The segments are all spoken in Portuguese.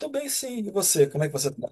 Tô bem, sim. E você? Como é que você tá?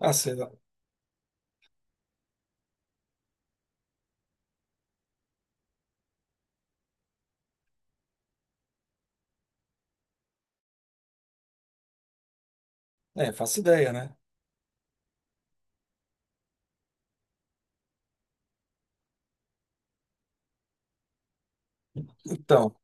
Ah, sei lá. É, faço ideia, né? Então,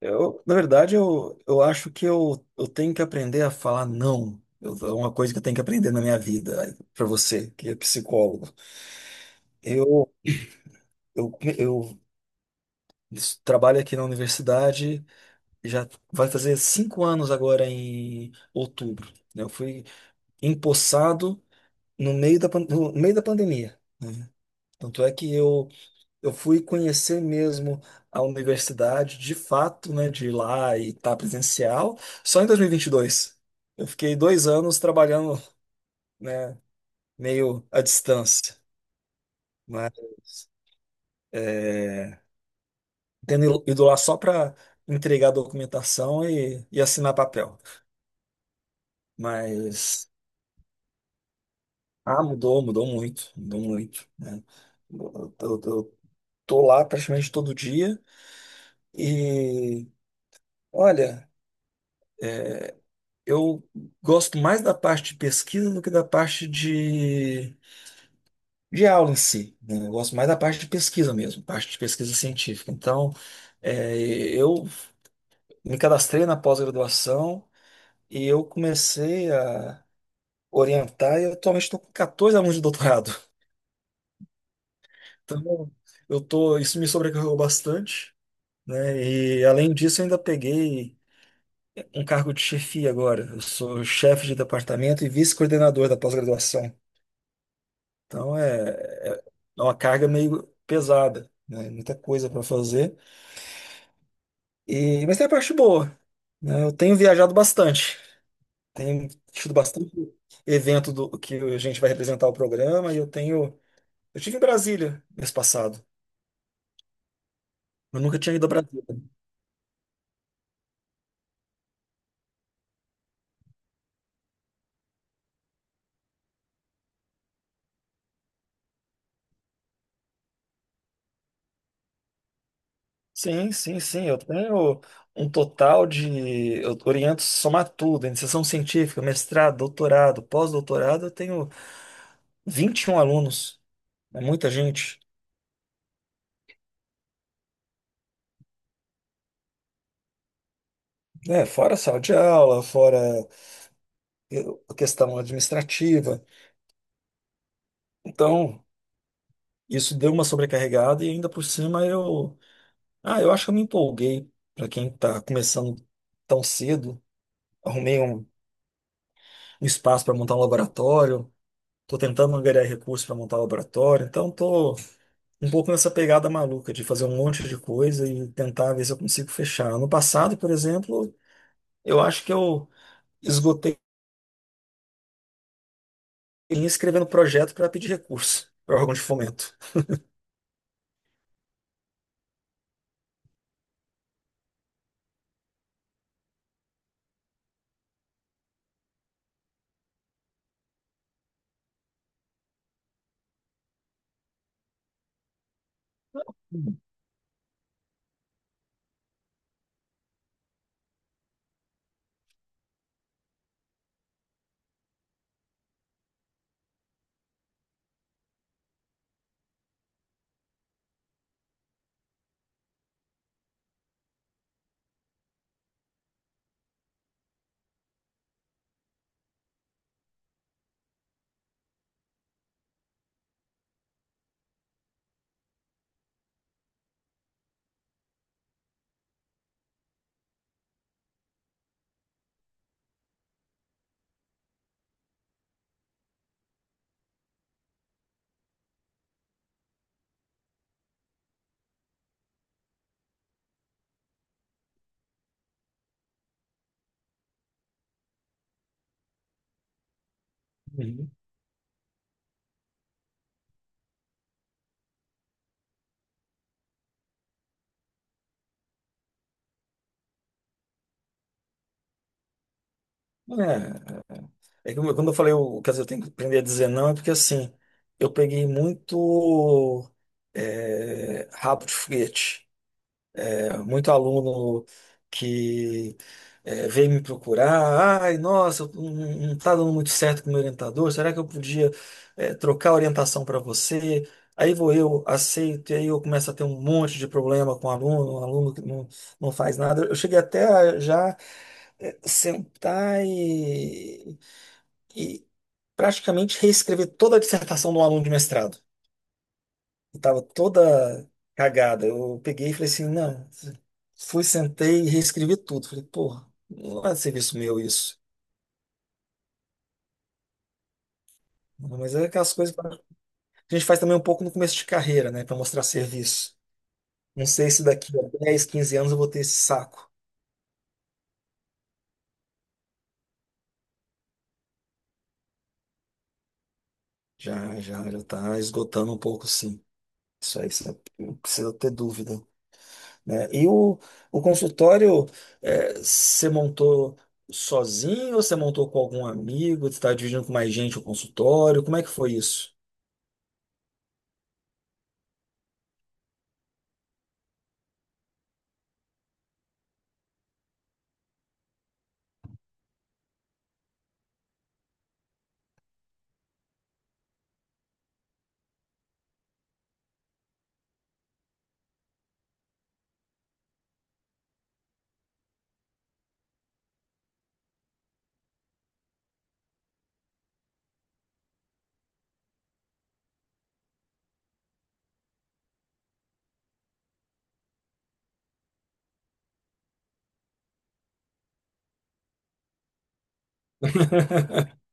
na verdade, eu acho que eu tenho que aprender a falar não. É uma coisa que eu tenho que aprender na minha vida, para você, que é psicólogo. Eu, Eu, eu trabalho aqui na universidade, já vai fazer 5 anos agora em outubro, né? Eu fui empossado no meio da, no meio da pandemia, né? Tanto é que eu fui conhecer mesmo a universidade, de fato, né, de ir lá e estar presencial, só em dois mil e vinte e dois. Eu fiquei 2 anos trabalhando, né, meio à distância. Mas eh, tendo ido lá só para entregar a documentação e assinar papel. Mas, ah, mudou, mudou muito, né? Eu tô lá praticamente todo dia e, olha, eu gosto mais da parte de pesquisa do que da parte de aula em si, né? Eu gosto mais da parte de pesquisa mesmo, parte de pesquisa científica. Então, é, eu me cadastrei na pós-graduação e eu comecei a orientar, e eu atualmente estou com 14 alunos de doutorado. Então, eu tô, isso me sobrecarregou bastante, né? E além disso, eu ainda peguei um cargo de chefia agora. Eu sou chefe de departamento e vice-coordenador da pós-graduação. Então, é, é uma carga meio pesada, né? Muita coisa para fazer. E, mas tem a parte boa, né? Eu tenho viajado bastante. Tenho tido bastante evento do que a gente vai representar o programa e eu estive em Brasília mês passado. Eu nunca tinha ido ao Brasil. Sim, sim, sim. Eu tenho um total de. Eu oriento somar tudo, iniciação científica, mestrado, doutorado, pós-doutorado. Eu tenho 21 alunos. É muita gente. É, fora sala de aula, fora a questão administrativa. Então, isso deu uma sobrecarregada e ainda por cima eu. Ah, eu acho que eu me empolguei. Para quem está começando tão cedo, arrumei um espaço para montar um laboratório. Tô tentando angariar recursos para montar laboratório, então tô um pouco nessa pegada maluca de fazer um monte de coisa e tentar ver se eu consigo fechar. Ano passado, por exemplo, eu acho que eu esgotei em escrevendo projeto para pedir recurso para órgão de fomento. Uhum. É, é que quando eu falei o que eu tenho que aprender a dizer não, é porque assim, eu peguei muito rabo de foguete. Muito aluno que veio me procurar. Ai, nossa, eu não está dando muito certo com o meu orientador. Será que eu podia trocar a orientação para você? Aí vou eu, aceito, e aí eu começo a ter um monte de problema com o aluno, um aluno que não faz nada. Eu cheguei até a já sentar e praticamente reescrever toda a dissertação do aluno de mestrado. Eu tava toda cagada. Eu peguei e falei assim, não. Fui, sentei e reescrevi tudo. Falei, porra, não é serviço meu isso. Mas é aquelas coisas que a gente faz também um pouco no começo de carreira, né? Para mostrar serviço. Não sei se daqui a 10, 15 anos eu vou ter esse saco. Já, já, já tá esgotando um pouco, sim. Isso aí, você não precisa ter dúvida, né? E o consultório, você montou sozinho ou você montou com algum amigo? Você está dividindo com mais gente o consultório? Como é que foi isso?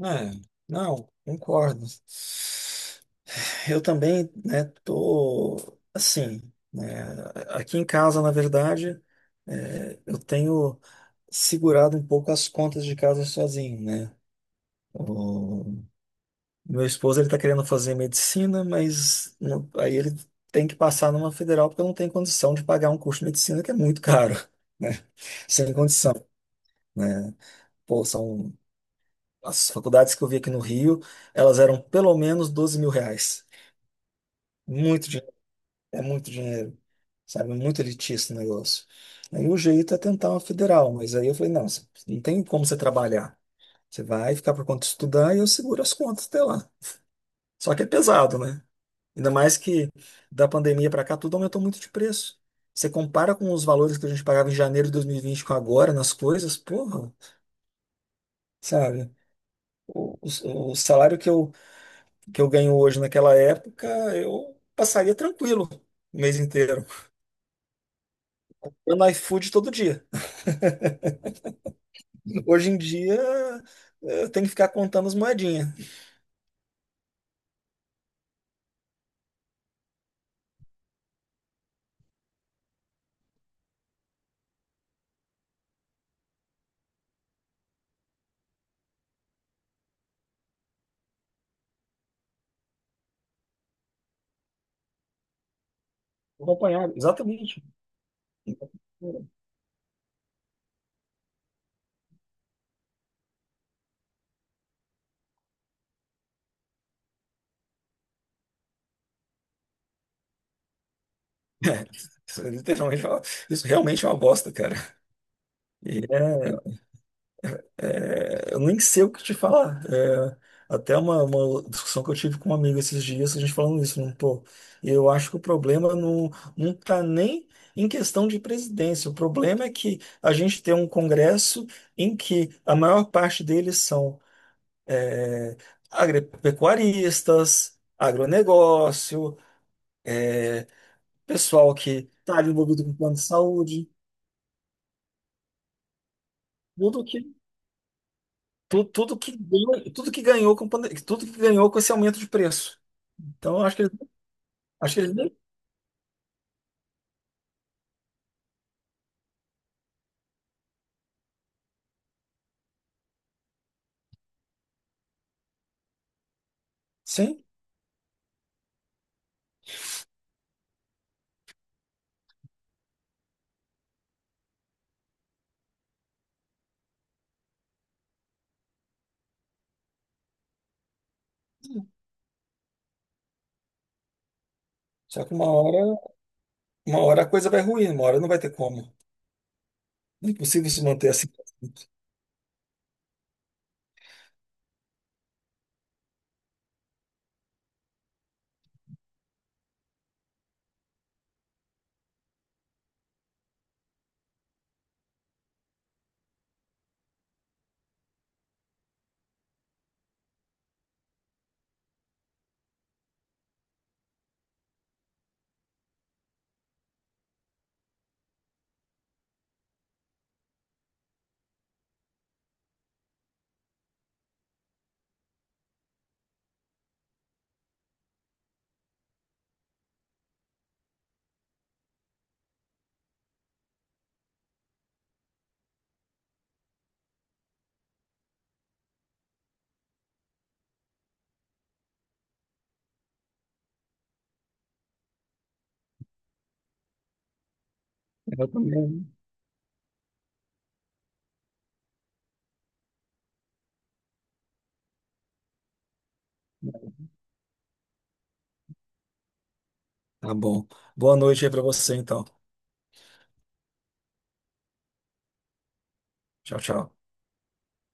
É, não, concordo. Eu também, né, tô assim, né, aqui em casa, na verdade, eu tenho segurado um pouco as contas de casa sozinho, né? Meu esposo ele está querendo fazer medicina, mas aí ele tem que passar numa federal porque não tem condição de pagar um curso de medicina que é muito caro, né? Sem condição, né? Pô, são as faculdades que eu vi aqui no Rio, elas eram pelo menos R$ 12.000. Muito dinheiro, é muito dinheiro, sabe? É muito elitista o negócio. Aí o jeito é tentar uma federal, mas aí eu falei, não, não tem como você trabalhar. Você vai ficar por conta de estudar e eu seguro as contas até lá. Só que é pesado, né? Ainda mais que da pandemia para cá, tudo aumentou muito de preço. Você compara com os valores que a gente pagava em janeiro de 2020 com agora nas coisas, porra, sabe? O salário que que eu ganho hoje naquela época, eu passaria tranquilo o mês inteiro. Eu no iFood todo dia. Hoje em dia, eu tenho que ficar contando as moedinhas. Acompanhado, exatamente. É, isso, literalmente, isso realmente é uma bosta, cara. E é. É, eu nem sei o que te falar. É, até uma discussão que eu tive com um amigo esses dias, a gente falando isso, né? Pô, eu acho que o problema não tá nem em questão de presidência. O problema é que a gente tem um Congresso em que a maior parte deles são é, agropecuaristas, agronegócio, pessoal que está envolvido com plano de saúde, tudo que, tudo que ganhou, tudo que ganhou com tudo que ganhou com esse aumento de preço. Então, eu acho que acho que eles nem. Sim. Só que uma hora a coisa vai ruir, uma hora não vai ter como. Não é possível se manter assim pra sempre. Eu também. Tá bom. Boa noite aí pra você, então. Tchau, tchau.